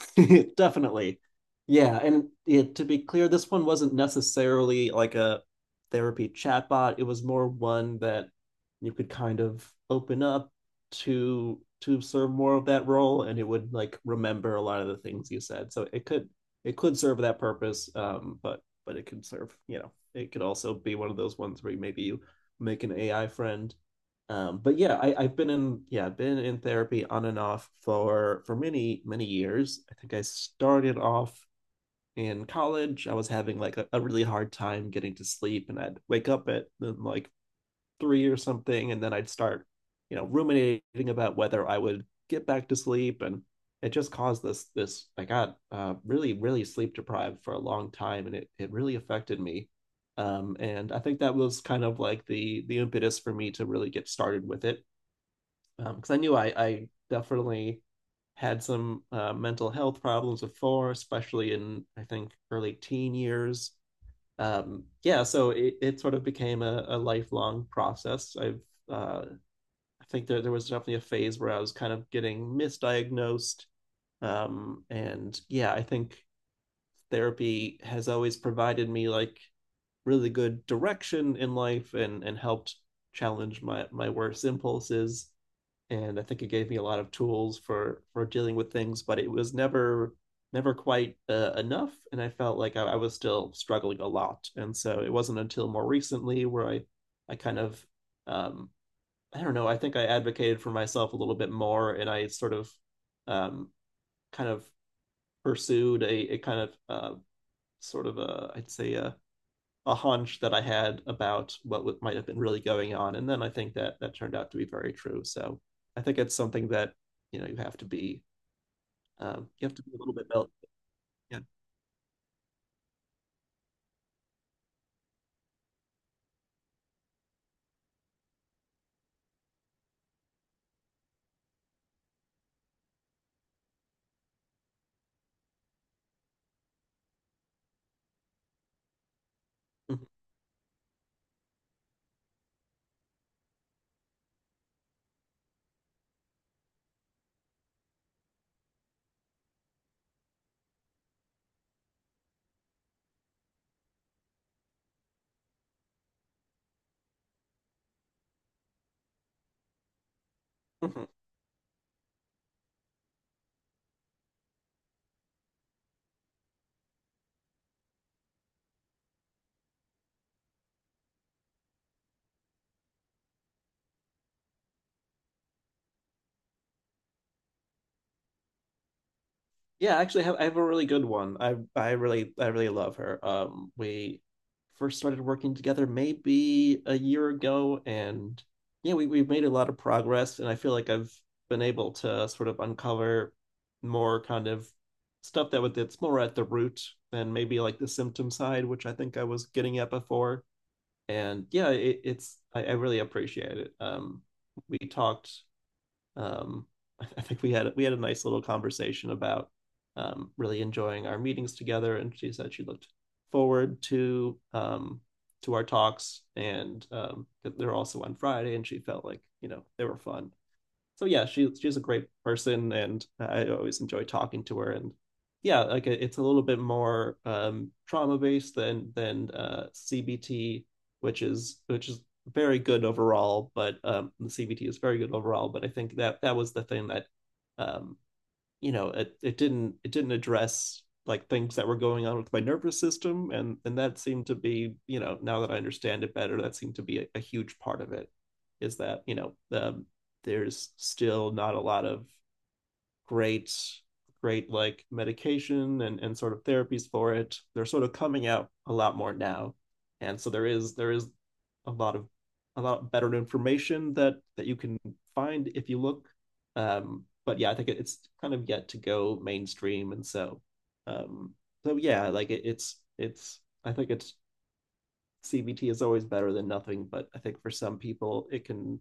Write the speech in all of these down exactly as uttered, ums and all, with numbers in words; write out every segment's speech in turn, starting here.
Definitely. Yeah, and yeah, to be clear, this one wasn't necessarily like a therapy chatbot. It was more one that you could kind of open up to to serve more of that role, and it would like remember a lot of the things you said. So it could it could serve that purpose, um, but but it could serve, you know, it could also be one of those ones where maybe you make an A I friend, um, but yeah, I, I've been in yeah, I've been in therapy on and off for for many, many years. I think I started off in college. I was having like a, a really hard time getting to sleep, and I'd wake up at um, like three or something, and then I'd start, you know, ruminating about whether I would get back to sleep. And it just caused this this I got uh really, really sleep deprived for a long time, and it it really affected me. Um, and I think that was kind of like the the impetus for me to really get started with it because um, I knew I I definitely had some uh, mental health problems before, especially in, I think, early teen years. Um, yeah, so it, it sort of became a, a lifelong process. I've uh, I think there there was definitely a phase where I was kind of getting misdiagnosed. Um, and yeah, I think therapy has always provided me like really good direction in life, and and helped challenge my my worst impulses, and I think it gave me a lot of tools for for dealing with things, but it was never never quite uh, enough, and I felt like I, I was still struggling a lot. And so it wasn't until more recently where I I kind of um, I don't know. I think I advocated for myself a little bit more, and I sort of, um, kind of pursued a, a kind of, uh, sort of, a, I'd say, a a hunch that I had about what might have been really going on, and then I think that that turned out to be very true. So I think it's something that, you know, you have to be um, you have to be a little bit built. Yeah. Mm-hmm. Mm-hmm. Yeah, actually, I have I have a really good one. I I really I really love her. Um, we first started working together maybe a year ago, and yeah, we we've made a lot of progress, and I feel like I've been able to sort of uncover more kind of stuff that would that's more at the root than maybe like the symptom side, which I think I was getting at before. And yeah, it, it's I, I really appreciate it. Um, we talked, um, I think we had we had a nice little conversation about, um, really enjoying our meetings together, and she said she looked forward to um, to our talks, and, um, they're also on Friday, and she felt like, you know, they were fun. So yeah, she she's a great person, and I always enjoy talking to her. And yeah, like it's a little bit more, um, trauma based than than uh, C B T, which is which is very good overall. But um, the C B T is very good overall. But I think that that was the thing that, um, you know, it, it didn't it didn't address like things that were going on with my nervous system, and and that seemed to be, you know, now that I understand it better, that seemed to be a, a huge part of it, is that, you know, um, there's still not a lot of great great like medication and, and sort of therapies for it. They're sort of coming out a lot more now, and so there is there is a lot of a lot better information that that you can find if you look. Um but yeah, I think it's kind of yet to go mainstream, and so um so yeah, like it, it's it's I think, it's CBT is always better than nothing, but I think for some people it can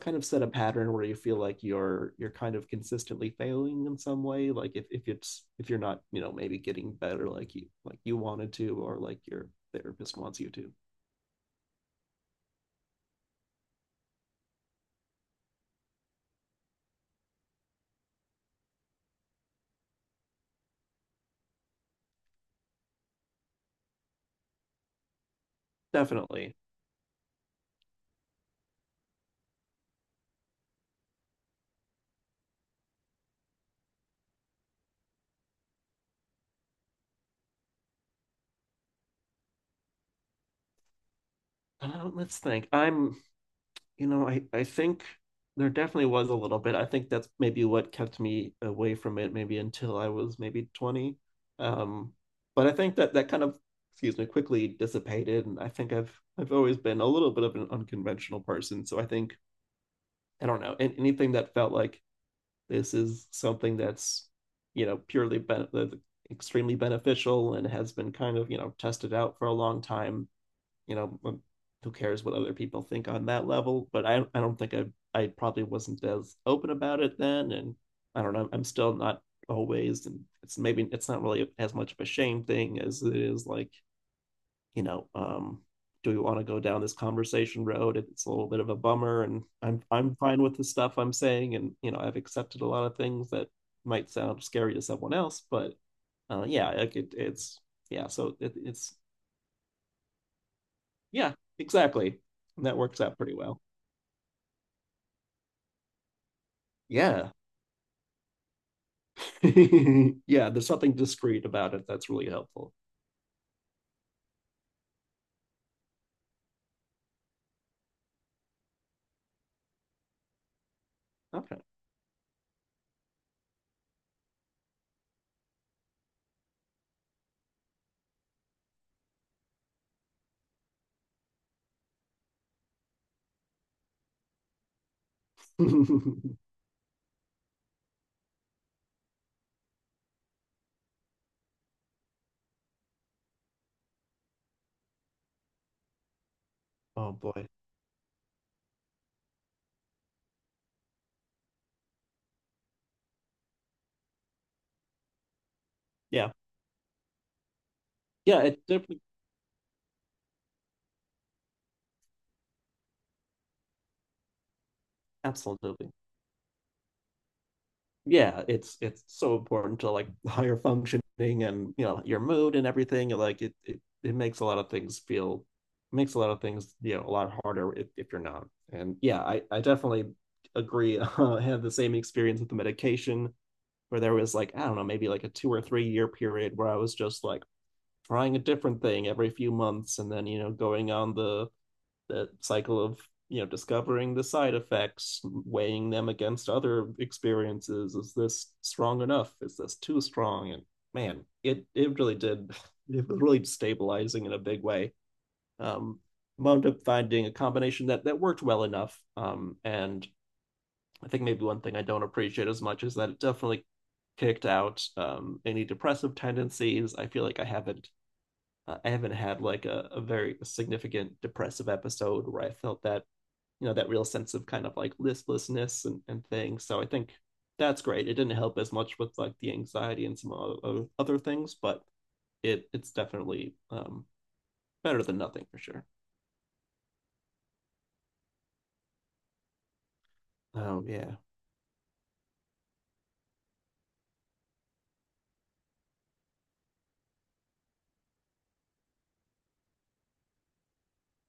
kind of set a pattern where you feel like you're you're kind of consistently failing in some way, like if, if it's if you're not, you know, maybe getting better like you, like you wanted to, or like your therapist wants you to. Definitely. Uh, let's think. I'm you know i i think there definitely was a little bit. I think that's maybe what kept me away from it maybe until I was maybe twenty. Um but I think that that kind of, excuse me, quickly dissipated, and I think i've i've always been a little bit of an unconventional person. So i think I don't know, and anything that felt like this is something that's, you know, purely ben- extremely beneficial and has been kind of, you know, tested out for a long time. You know, who cares what other people think on that level? But I, I don't think I, I probably wasn't as open about it then. And I don't know, I'm still not always, and it's maybe it's not really as much of a shame thing as it is, like, you know, um, do we want to go down this conversation road? It's a little bit of a bummer, and I'm I'm fine with the stuff I'm saying, and, you know, I've accepted a lot of things that might sound scary to someone else. But uh, yeah, like it, it's yeah, so it, it's yeah, exactly, and that works out pretty well. Yeah, yeah, there's something discreet about it that's really helpful. Okay. Oh boy. Yeah, yeah, it definitely, absolutely. Yeah, it's it's so important to, like, higher functioning and, you know, your mood and everything. Like it it, it makes a lot of things feel, makes a lot of things, you know, a lot harder if, if you're not. And yeah, I I definitely agree. I had the same experience with the medication, where there was, like, I don't know, maybe like a two or three year period where I was just like trying a different thing every few months, and then, you know, going on the the cycle of, you know, discovering the side effects, weighing them against other experiences. Is this strong enough? Is this too strong? And, man, it it really did, it was really stabilizing in a big way. um Wound up finding a combination that that worked well enough. Um and I think maybe one thing I don't appreciate as much is that it definitely kicked out, um any depressive tendencies. I feel like i haven't uh, I haven't had like a, a very significant depressive episode where I felt that, you know, that real sense of kind of like listlessness and, and things. So I think that's great. It didn't help as much with like the anxiety and some other other things, but it it's definitely, um better than nothing for sure. Oh yeah.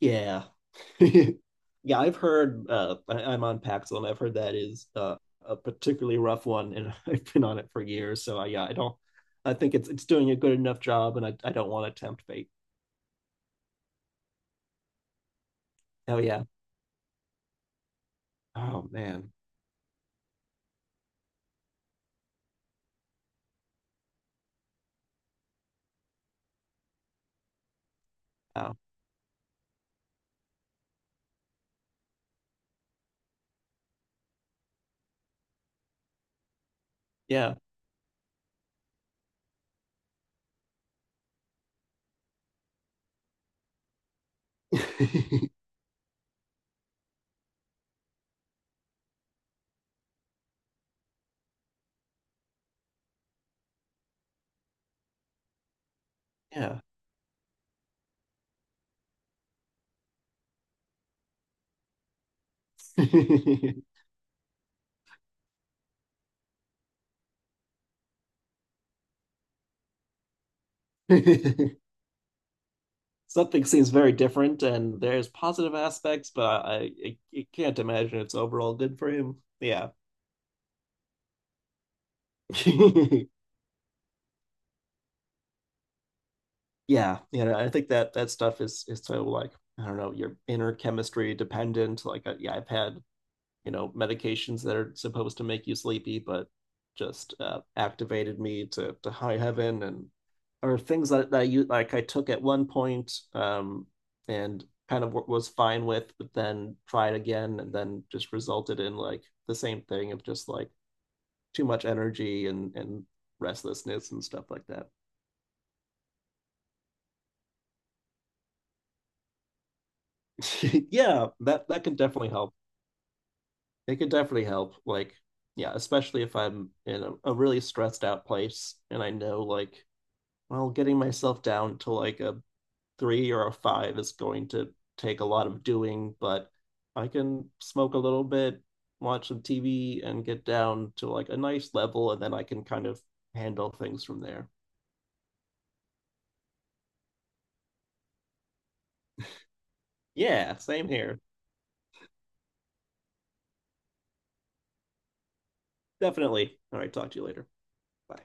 Yeah. Yeah, I've heard, uh I, I'm on Paxil, and I've heard that is uh a particularly rough one, and I've been on it for years, so I, yeah I don't I think it's it's doing a good enough job, and i, I don't want to tempt fate. Oh yeah. Oh man. Oh yeah. Yeah. Something seems very different, and there's positive aspects, but I, I, I can't imagine it's overall good for him. Yeah. Yeah, you know, I think that that stuff is is so, like, I don't know, your inner chemistry dependent. Like, uh, yeah, I've had, you know, medications that are supposed to make you sleepy but just, uh, activated me to, to high heaven. And, or things that, that you, like, I took at one point, um, and kind of was fine with, but then tried again, and then just resulted in like the same thing of just like too much energy and and restlessness and stuff like that. Yeah, that that can definitely help. It can definitely help, like, yeah, especially if I'm in a, a really stressed out place, and I know, like, well, getting myself down to like a three or a five is going to take a lot of doing. But I can smoke a little bit, watch some T V, and get down to like a nice level, and then I can kind of handle things from there. Yeah, same here. Definitely. All right, talk to you later. Bye.